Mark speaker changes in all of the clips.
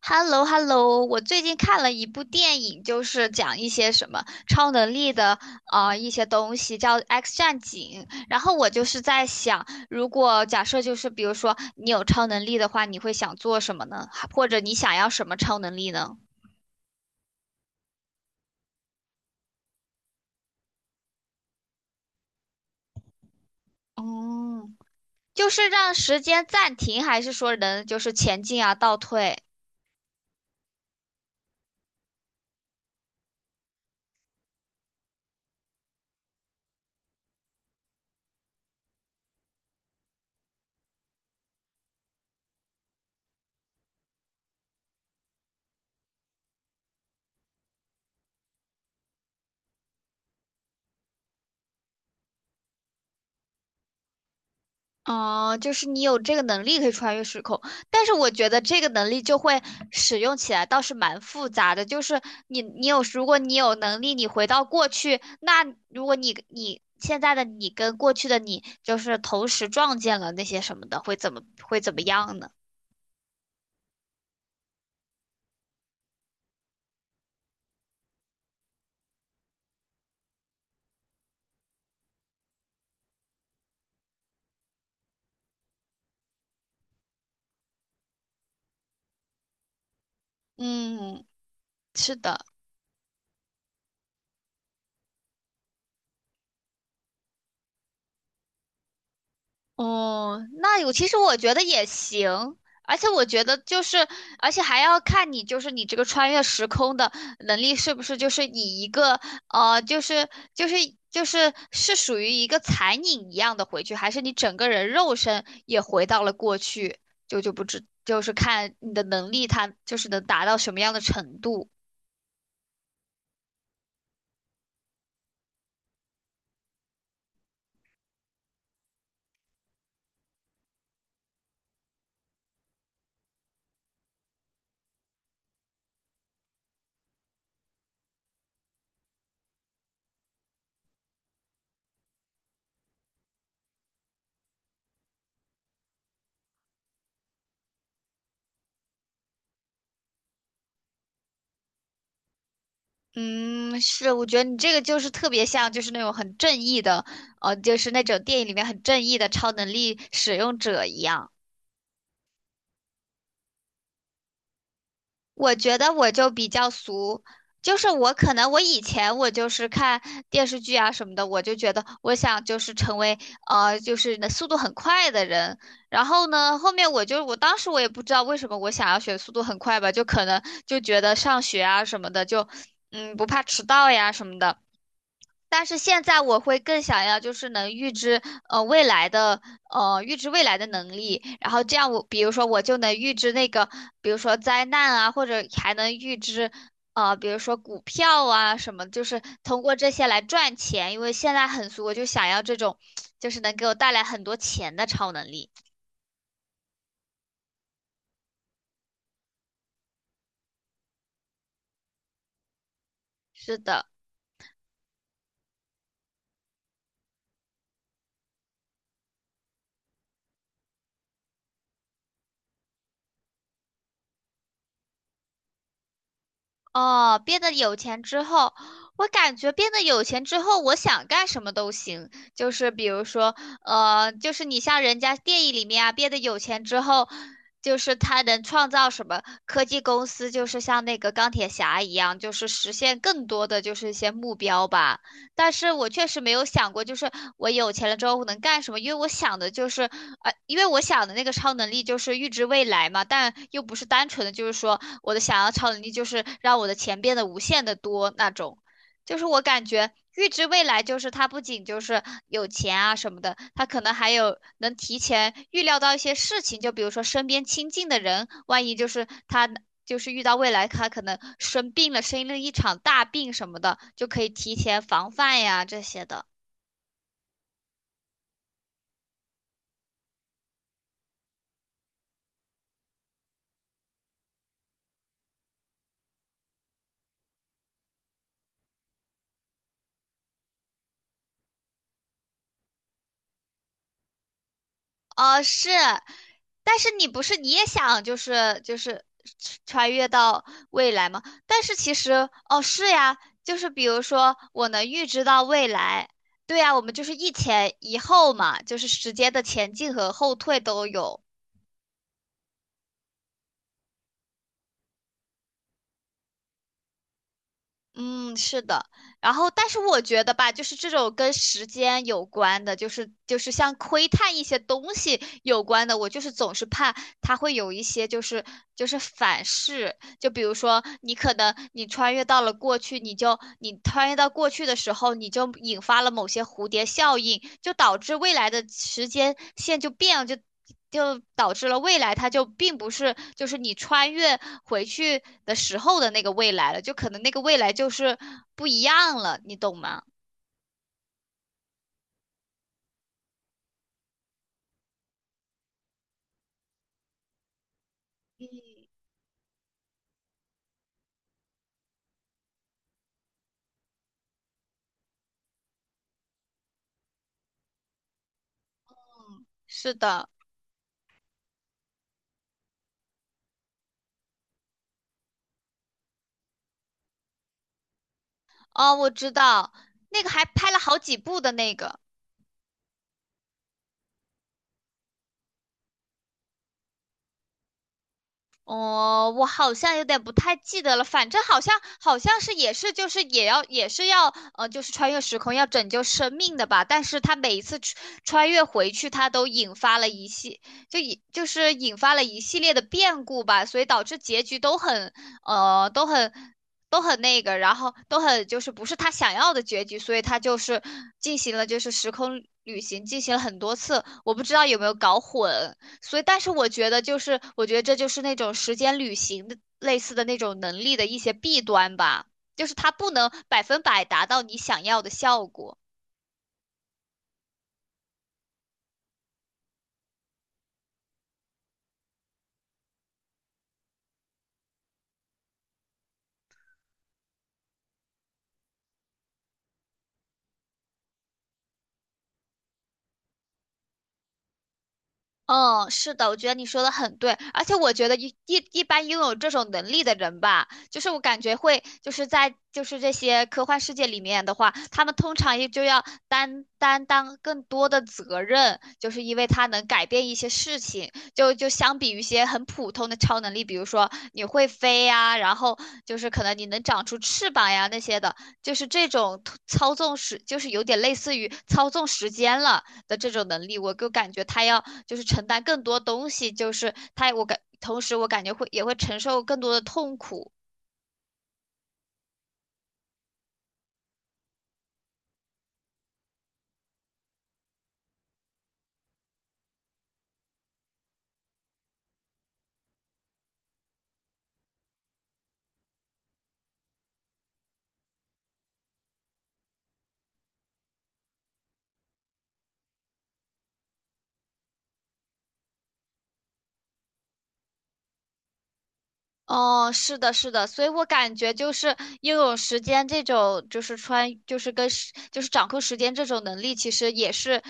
Speaker 1: h e l l o h e l l o 我最近看了一部电影，就是讲一些什么超能力的一些东西，叫《X 战警》。然后我就是在想，如果假设就是比如说你有超能力的话，你会想做什么呢？或者你想要什么超能力呢？哦，就是让时间暂停，还是说能就是前进啊、倒退？哦，就是你有这个能力可以穿越时空，但是我觉得这个能力就会使用起来倒是蛮复杂的。就是你，你有，如果你有能力，你回到过去，那如果你现在的你跟过去的你就是同时撞见了那些什么的，会怎么样呢？嗯，是的。哦，那有，其实我觉得也行，而且我觉得就是，而且还要看你就是你这个穿越时空的能力是不是就是以一个呃，就是就是就是是属于一个残影一样的回去，还是你整个人肉身也回到了过去，就就不知就是看你的能力它就是能达到什么样的程度。嗯，是，我觉得你这个就是特别像，就是那种很正义的，就是那种电影里面很正义的超能力使用者一样。我觉得我就比较俗，就是我可能我以前我就是看电视剧啊什么的，我就觉得我想就是成为就是那速度很快的人。然后呢，后面我当时也不知道为什么我想要学速度很快吧，就可能就觉得上学啊什么的就不怕迟到呀什么的。但是现在我会更想要就是能预知呃未来的呃预知未来的能力，然后这样我比如说我就能预知那个比如说灾难啊，或者还能预知比如说股票啊什么，就是通过这些来赚钱，因为现在很俗，我就想要这种就是能给我带来很多钱的超能力。是的。哦，变得有钱之后，我感觉变得有钱之后，我想干什么都行。就是比如说，就是你像人家电影里面啊，变得有钱之后，就是他能创造什么科技公司，就是像那个钢铁侠一样，就是实现更多的就是一些目标吧。但是我确实没有想过，就是我有钱了之后我能干什么，因为我想的就是，因为我想的那个超能力就是预知未来嘛，但又不是单纯的，就是说我的想要超能力就是让我的钱变得无限的多那种。就是我感觉预知未来，就是他不仅就是有钱啊什么的，他可能还有能提前预料到一些事情，就比如说身边亲近的人，万一就是他就是遇到未来他可能生病了，生了一场大病什么的，就可以提前防范呀这些的。哦，是，但是你不是你也想就是穿越到未来吗？但是其实哦是呀，就是比如说我能预知到未来，对呀，我们就是一前一后嘛，就是时间的前进和后退都有。嗯，是的。然后，但是我觉得吧，就是这种跟时间有关的，就是像窥探一些东西有关的，我就是总是怕它会有一些反噬。就比如说，你可能你穿越到了过去，你穿越到过去的时候，你就引发了某些蝴蝶效应，就导致未来的时间线就变了，就就导致了未来它就并不是就是你穿越回去的时候的那个未来了，就可能那个未来就是不一样了，你懂吗？嗯，是的。哦，我知道，那个还拍了好几部的那个。哦，我好像有点不太记得了，反正好像是也是就是也是要就是穿越时空要拯救生命的吧。但是他每一次穿越回去，他都引发了一系就引就是引发了一系列的变故吧，所以导致结局都很呃都很都很那个，然后都很就是不是他想要的结局，所以他就是进行了就是时空旅行，进行了很多次，我不知道有没有搞混。所以，但是我觉得，就是我觉得这就是那种时间旅行的类似的那种能力的一些弊端吧，就是它不能百分百达到你想要的效果。嗯，是的，我觉得你说的很对，而且我觉得一般拥有这种能力的人吧，就是我感觉会就是在就是这些科幻世界里面的话，他们通常也就要担当更多的责任，就是因为他能改变一些事情，就就相比于一些很普通的超能力，比如说你会飞呀，然后就是可能你能长出翅膀呀那些的，就是这种操纵时，就是有点类似于操纵时间了。的这种能力，我就感觉他要就是承担更多东西，就是他我感同时我感觉会也会承受更多的痛苦。哦，是的，是的，所以我感觉就是拥有时间这种，就是穿，就是跟时，就是掌控时间这种能力，其实也是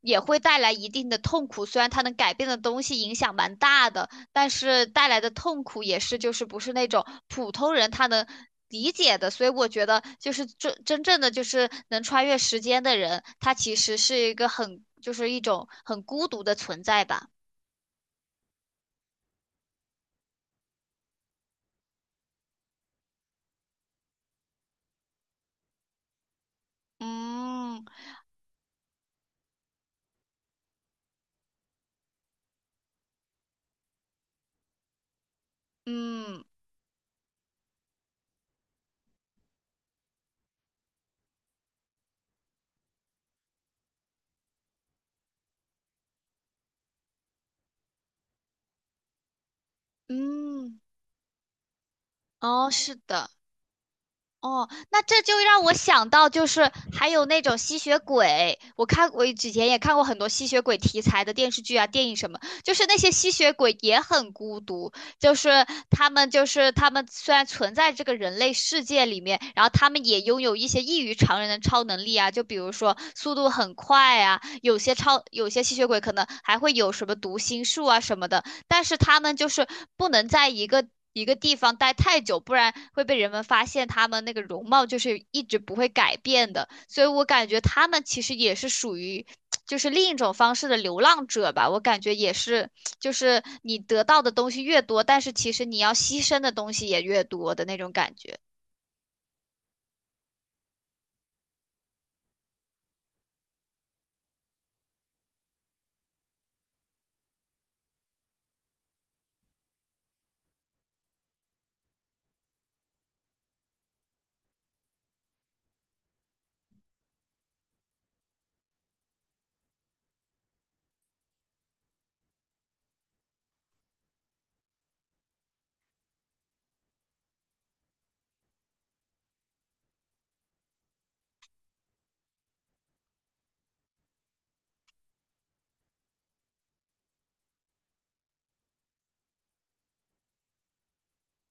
Speaker 1: 也会带来一定的痛苦。虽然它能改变的东西影响蛮大的，但是带来的痛苦也是就是不是那种普通人他能理解的。所以我觉得就是真正的就是能穿越时间的人，他其实是一个很就是一种很孤独的存在吧。嗯嗯嗯。哦，是的。哦，那这就让我想到，就是还有那种吸血鬼，我之前也看过很多吸血鬼题材的电视剧啊、电影什么，就是那些吸血鬼也很孤独，他们虽然存在这个人类世界里面，然后他们也拥有一些异于常人的超能力啊，就比如说速度很快啊，有些吸血鬼可能还会有什么读心术啊什么的，但是他们就是不能在一个地方待太久，不然会被人们发现他们那个容貌就是一直不会改变的。所以我感觉他们其实也是属于就是另一种方式的流浪者吧。我感觉也是，就是你得到的东西越多，但是其实你要牺牲的东西也越多的那种感觉。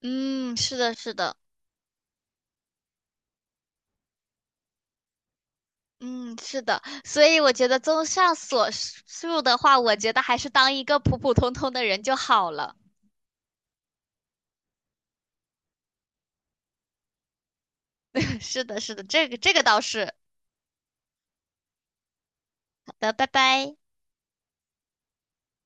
Speaker 1: 嗯，是的，是的。嗯，是的，所以我觉得综上所述的话，我觉得还是当一个普普通通的人就好了。是的，是的，这个这个倒是。好的，拜拜。